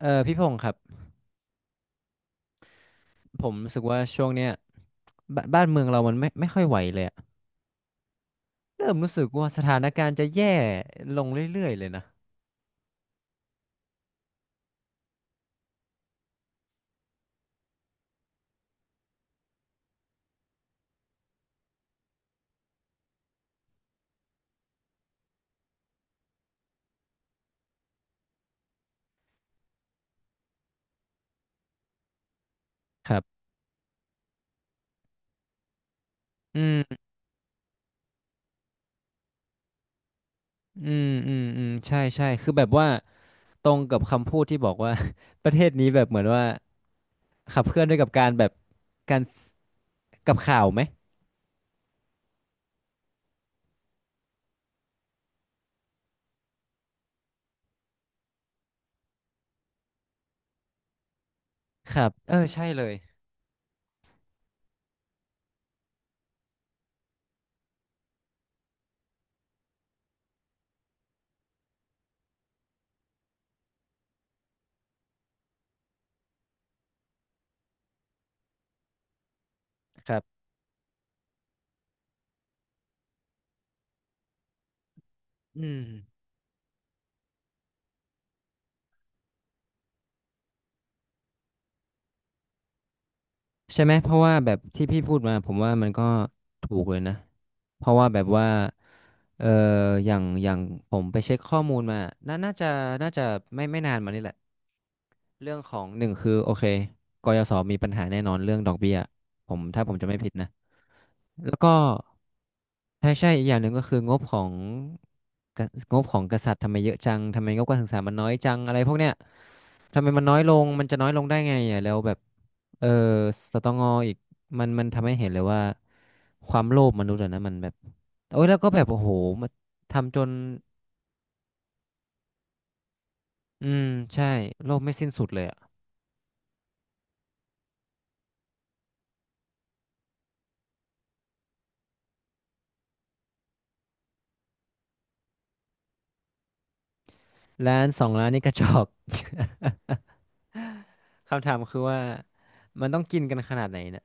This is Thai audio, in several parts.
เออพี่พงศ์ครับผมรู้สึกว่าช่วงเนี้ยบ้านเมืองเรามันไม่ค่อยไหวเลยอะเริ่มรู้สึกว่าสถานการณ์จะแย่ลงเรื่อยๆเลยนะครับอืมอืมอืมอืมใช่ใช่คือแบบว่าตรงกับคำพูดที่บอกว่า ประเทศนี้แบบเหมือนว่าขับเคลื่อนด้วยกับการแบบการกับข่าวไหมครับเออใช่เลยครับอืม ใช่ไหมเพราะว่าแบบที่พี่พูดมาผมว่ามันก็ถูกเลยนะเพราะว่าแบบว่าเอออย่างผมไปเช็คข้อมูลมาน่าน่าจะน่าจะไม่นานมานี่แหละเรื่องของหนึ่งคือโอเคกยศมีปัญหาแน่นอนเรื่องดอกเบี้ยผมถ้าผมจะไม่ผิดนะแล้วก็ใช่ใช่อีกอย่างหนึ่งก็คืองบของกะงบของกษัตริย์ทำไมเยอะจังทำไมงบการศึกษามันน้อยจังอะไรพวกเนี้ยทำไมมันน้อยลงมันจะน้อยลงได้ไงอ่ะแล้วแบบ เออสตงอีกมันมันทำให้เห็นเลยว่าความโลภมนุษย์อะนะมันแบบโอ้ยแล้วก็แบบโอ้โหมาทำจนอืมใช่โลภไม่สิ้นสุดเลยอะร้านสองร้านนี่กระจอก คำถามคือว่ามันต้องกินกันขนาดไหนเนะ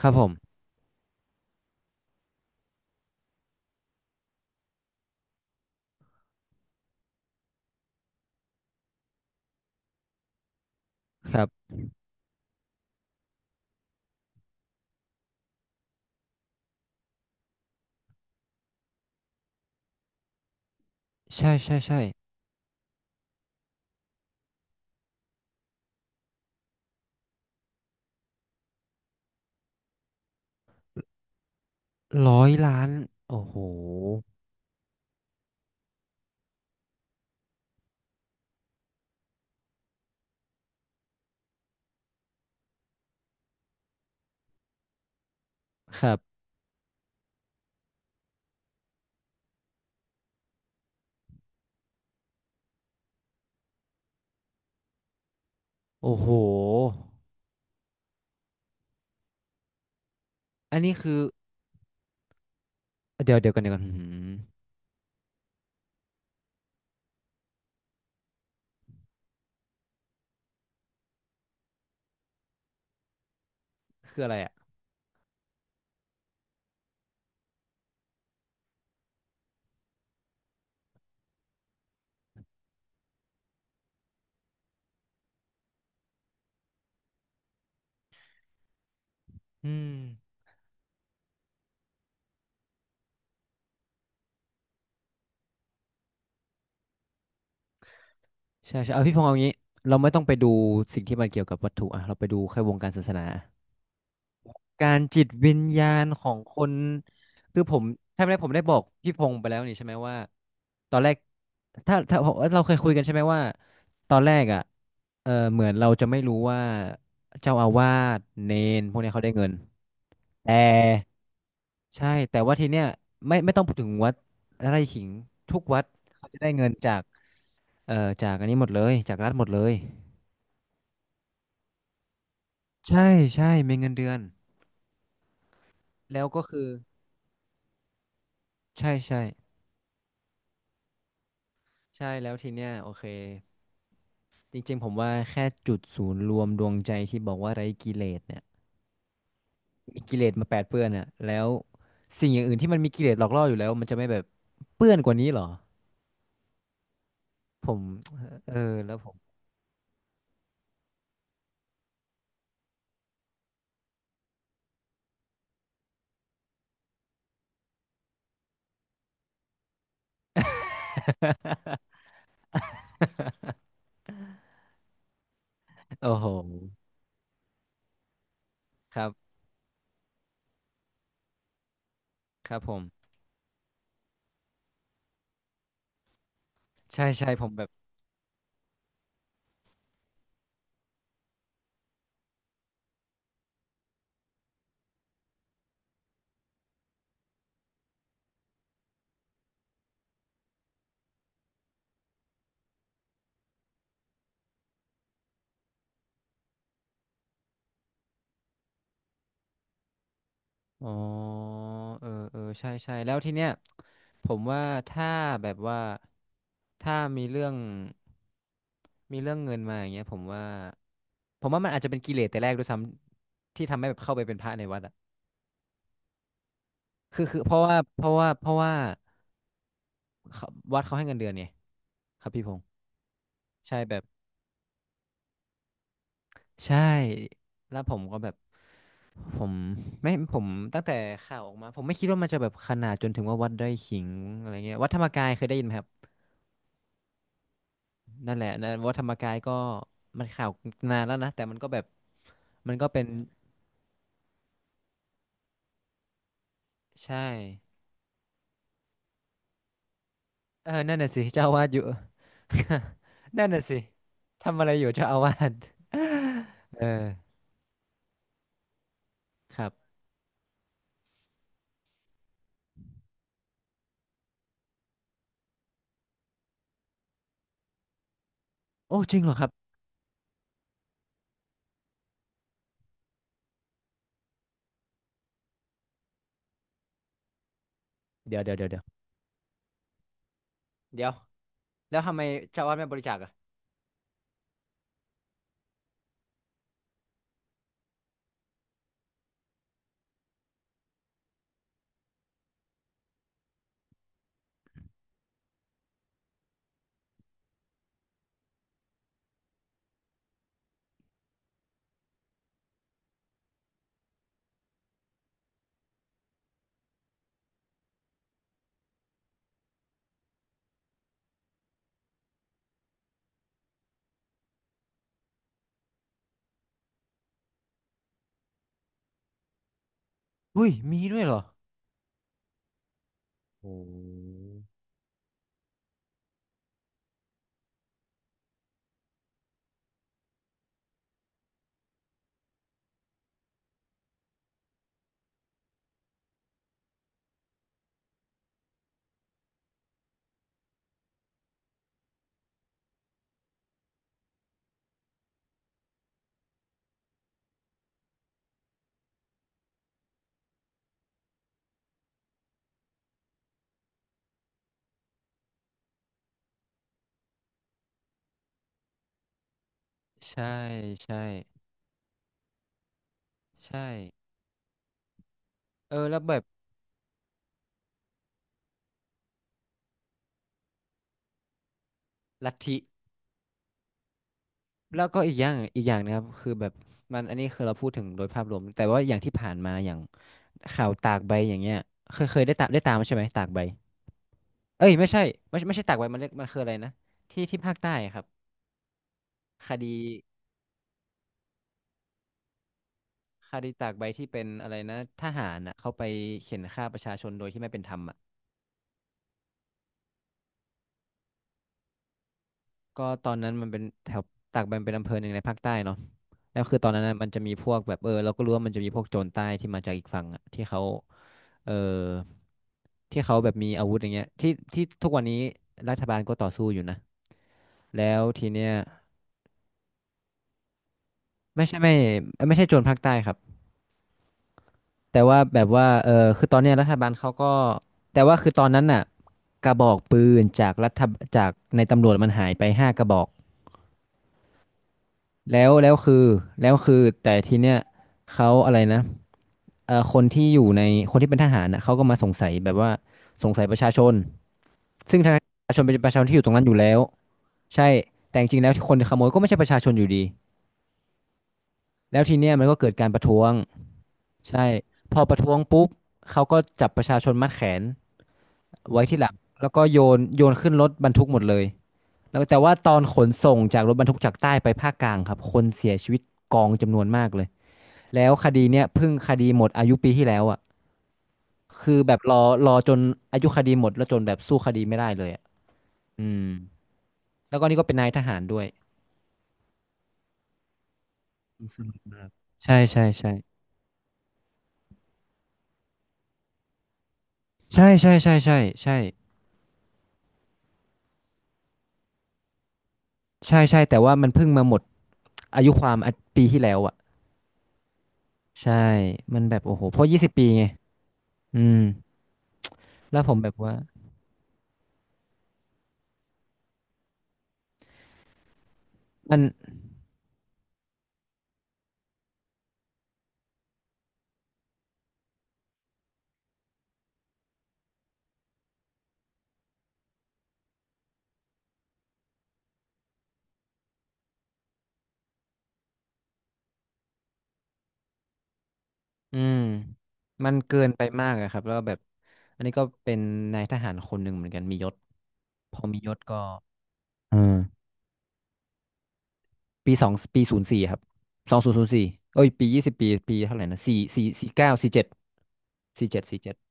ครับผมครับใช่ใช่ใช่100 ล้านโอ้โหครับโอ้โหอันนี้คือเดี๋ยวเดี๋ยวกันเดี๋ยวกันหืมคืออะไรอ่ะอืม ใช่ใช่เอาพี่พงษ์เอางี้เราไม่ต้องไปดูสิ่งที่มันเกี่ยวกับวัตถุอ่ะเราไปดูแค่วงการศาสนาการจิตวิญญาณของคนคือผมใช่ไหมผมได้บอกพี่พงษ์ไปแล้วนี่ใช่ไหมว่าตอนแรกถ้าเราเคยคุยกันใช่ไหมว่าตอนแรกอ่ะเออเหมือนเราจะไม่รู้ว่าเจ้าอาวาสเนนพวกเนี้ยเขาได้เงินแต่ใช่แต่ว่าทีเนี้ยไม่ต้องพูดถึงวัดไร่ขิงทุกวัดเขาจะได้เงินจากเอ่อจากอันนี้หมดเลยจากรัฐหมดเลย ใช่ใช่มีเงินเดือนแล้วก็คือใช่ใช่ใช่แล้วทีเนี้ยโอเคจริงๆผมว่าแค่จุดศูนย์รวมดวงใจที่บอกว่าไร้กิเลสเนี่ยมีกิเลสมาแปดเปื้อนอ่ะแล้วสิ่งอย่างอื่นที่มันมีกิเลสหลอกล่ออยู่แล้วมันจะไม่แบบเปื้อนกว่านี้เหรอผมเออแล้วผมโอ้โหครับครับผมใช่ใช่ผมแบบอ๋อเออเออใช่ใช่แล้วทีเนี้ยผมว่าถ้าแบบว่า ถ้ามีเรื่องมีเรื่องเงินมาอย่างเงี้ยผมว่าผมว่ามันอาจจะเป็นกิเลสแต่แรกด้วยซ้ำที่ทำให้แบบเข้าไปเป็นพระในวัดอะคือคือเพราะว่าเพราะว่าเพราะว่าเขาวัดเขาให้เงินเดือนไงครับพี่พงษ์ใช่แบบใช่แล้วผมก็แบบผมผมตั้งแต่ข่าวออกมาผมไม่คิดว่ามันจะแบบขนาดจนถึงว่าวัดไร่ขิงอะไรเงี้ยวัดธรรมกายเคยได้ยินไหมครับนั่นแหละนะวัดธรรมกายก็มันข่าวนานแล้วนะแต่มันก็แบบมันก็เป็นใช่ เออนั่นน่ะสิเจ้าอาวาสอยู่ นั่นน่ะสิ ทำอะไรอยู่เจ้าอาวาส เออครับโอ้จริงเหรอครับเดี๋ยวเดี๋ยวเดี๋ยวเดี๋ยวเดี๋ยว แล้วทำไมเจ้าอาวาสไม่บริจาคอ่ะอุ้ยมีด้วยเหรอโอ้ใช่ใช่ใช่ เออแล้วแบบลัทธิแล้วก็อีกอย่างอีกอย่างนะครับ คือแบบมันอันนี้คือเราพูดถึงโดยภาพรวม แต่ว่าอย่างที่ผ่านมา อย่างข่าวตากใบอย่างเงี้ยเคยเคยได้ตามใช่ไหมตากใบ เอ้ยไม่ใช่ไม่ใช่ไม่ใช่ตากใบมันเรียกมันคืออะไรนะที่ที่ภาคใต้ครับคดีคดีตากใบที่เป็นอะไรนะทหารอ่ะเขาไปเข่นฆ่าประชาชนโดยที่ไม่เป็นธรรมอ่ะก็ตอนนั้นมันเป็นแถวตากใบมันเป็นอำเภอหนึ่งในภาคใต้เนาะแล้วคือตอนนั้นนะมันจะมีพวกแบบเออเราก็รู้ว่ามันจะมีพวกโจรใต้ที่มาจากอีกฝั่งอ่ะที่เขาเออที่เขาแบบมีอาวุธอย่างเงี้ยที่ที่ทุกวันนี้รัฐบาลก็ต่อสู้อยู่นะแล้วทีเนี้ยไม่ใช่ไม่ไม่ใช่โจรภาคใต้ครับ แต่ว่าแบบว่าเออคือตอนเนี้ยรัฐบาลเขาก็แต่ว่าคือตอนนั้นน่ะกระบอกปืนจากรัฐจากในตำรวจมันหายไป5 กระบอกแล้วแล้วคือแล้วคือแต่ทีเนี้ยเขาอะไรนะเออคนที่อยู่ในคนที่เป็นทหารนะเขาก็มาสงสัยแบบว่าสงสัยประชาชนซึ่งทางประชาชนเป็นประชาชนที่อยู่ตรงนั้นอยู่แล้วใช่แต่จริงๆแล้วคนขโมยก็ไม่ใช่ประชาชนอยู่ดีแล้วทีเนี้ยมันก็เกิดการประท้วงใช่พอประท้วงปุ๊บเขาก็จับประชาชนมัดแขน ไว้ที่หลังแล้วก็โยนโยนขึ้นรถบรรทุกหมดเลยแล้วแต่ว่าตอนขนส่งจากรถบรรทุกจากใต้ไปภาคกลางครับคนเสียชีวิตกองจำนวนมากเลยแล้วคดีเนี้ยเพิ่งคดีหมดอายุปีที่แล้วอ่ะคือแบบรอรอจนอายุคดีหมดแล้วจนแบบสู้คดีไม่ได้เลยอ่ะอืมแล้วก็นี่ก็เป็นนายทหารด้วยใช่ใช่ใช่ใช่ใช่ใช่ใช่ใช่ใช่ใช่แต่ว่ามันเพิ่งมาหมดอายุความอ่ะปีที่แล้วอ่ะใช่มันแบบโอ้โหเพราะยี่สิบปีไงอืมแล้วผมแบบว่ามัน อืมมันเกินไปมากอะครับแล้วก็แบบอันนี้ก็เป็นนายทหารคนหนึ่งเหมือนกันมียศพอมียศก็เออปีสองปีศูนย์สี่ครับ2004เอ้ยปียี่สิบปีปีเท่าไหร่นะสี่สี่สี่เก้าสี่เจ็ดสี่เจ็ดสี่เจ็ด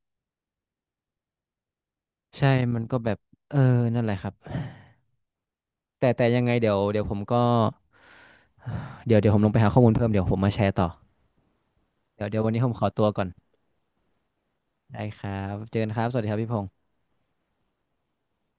ใช่มันก็แบบเออนั่นแหละครับแต่แต่ยังไงเดี๋ยวเดี๋ยวผมก็เดี๋ยวเดี๋ยวผมลงไปหาข้อมูลเพิ่มเดี๋ยวผมมาแชร์ต่อเดี๋ยวเดี๋ยววันนี้ผมขอตัวก่อนได้ครับเจอกันครับสวัสดีครับพี่พงษ์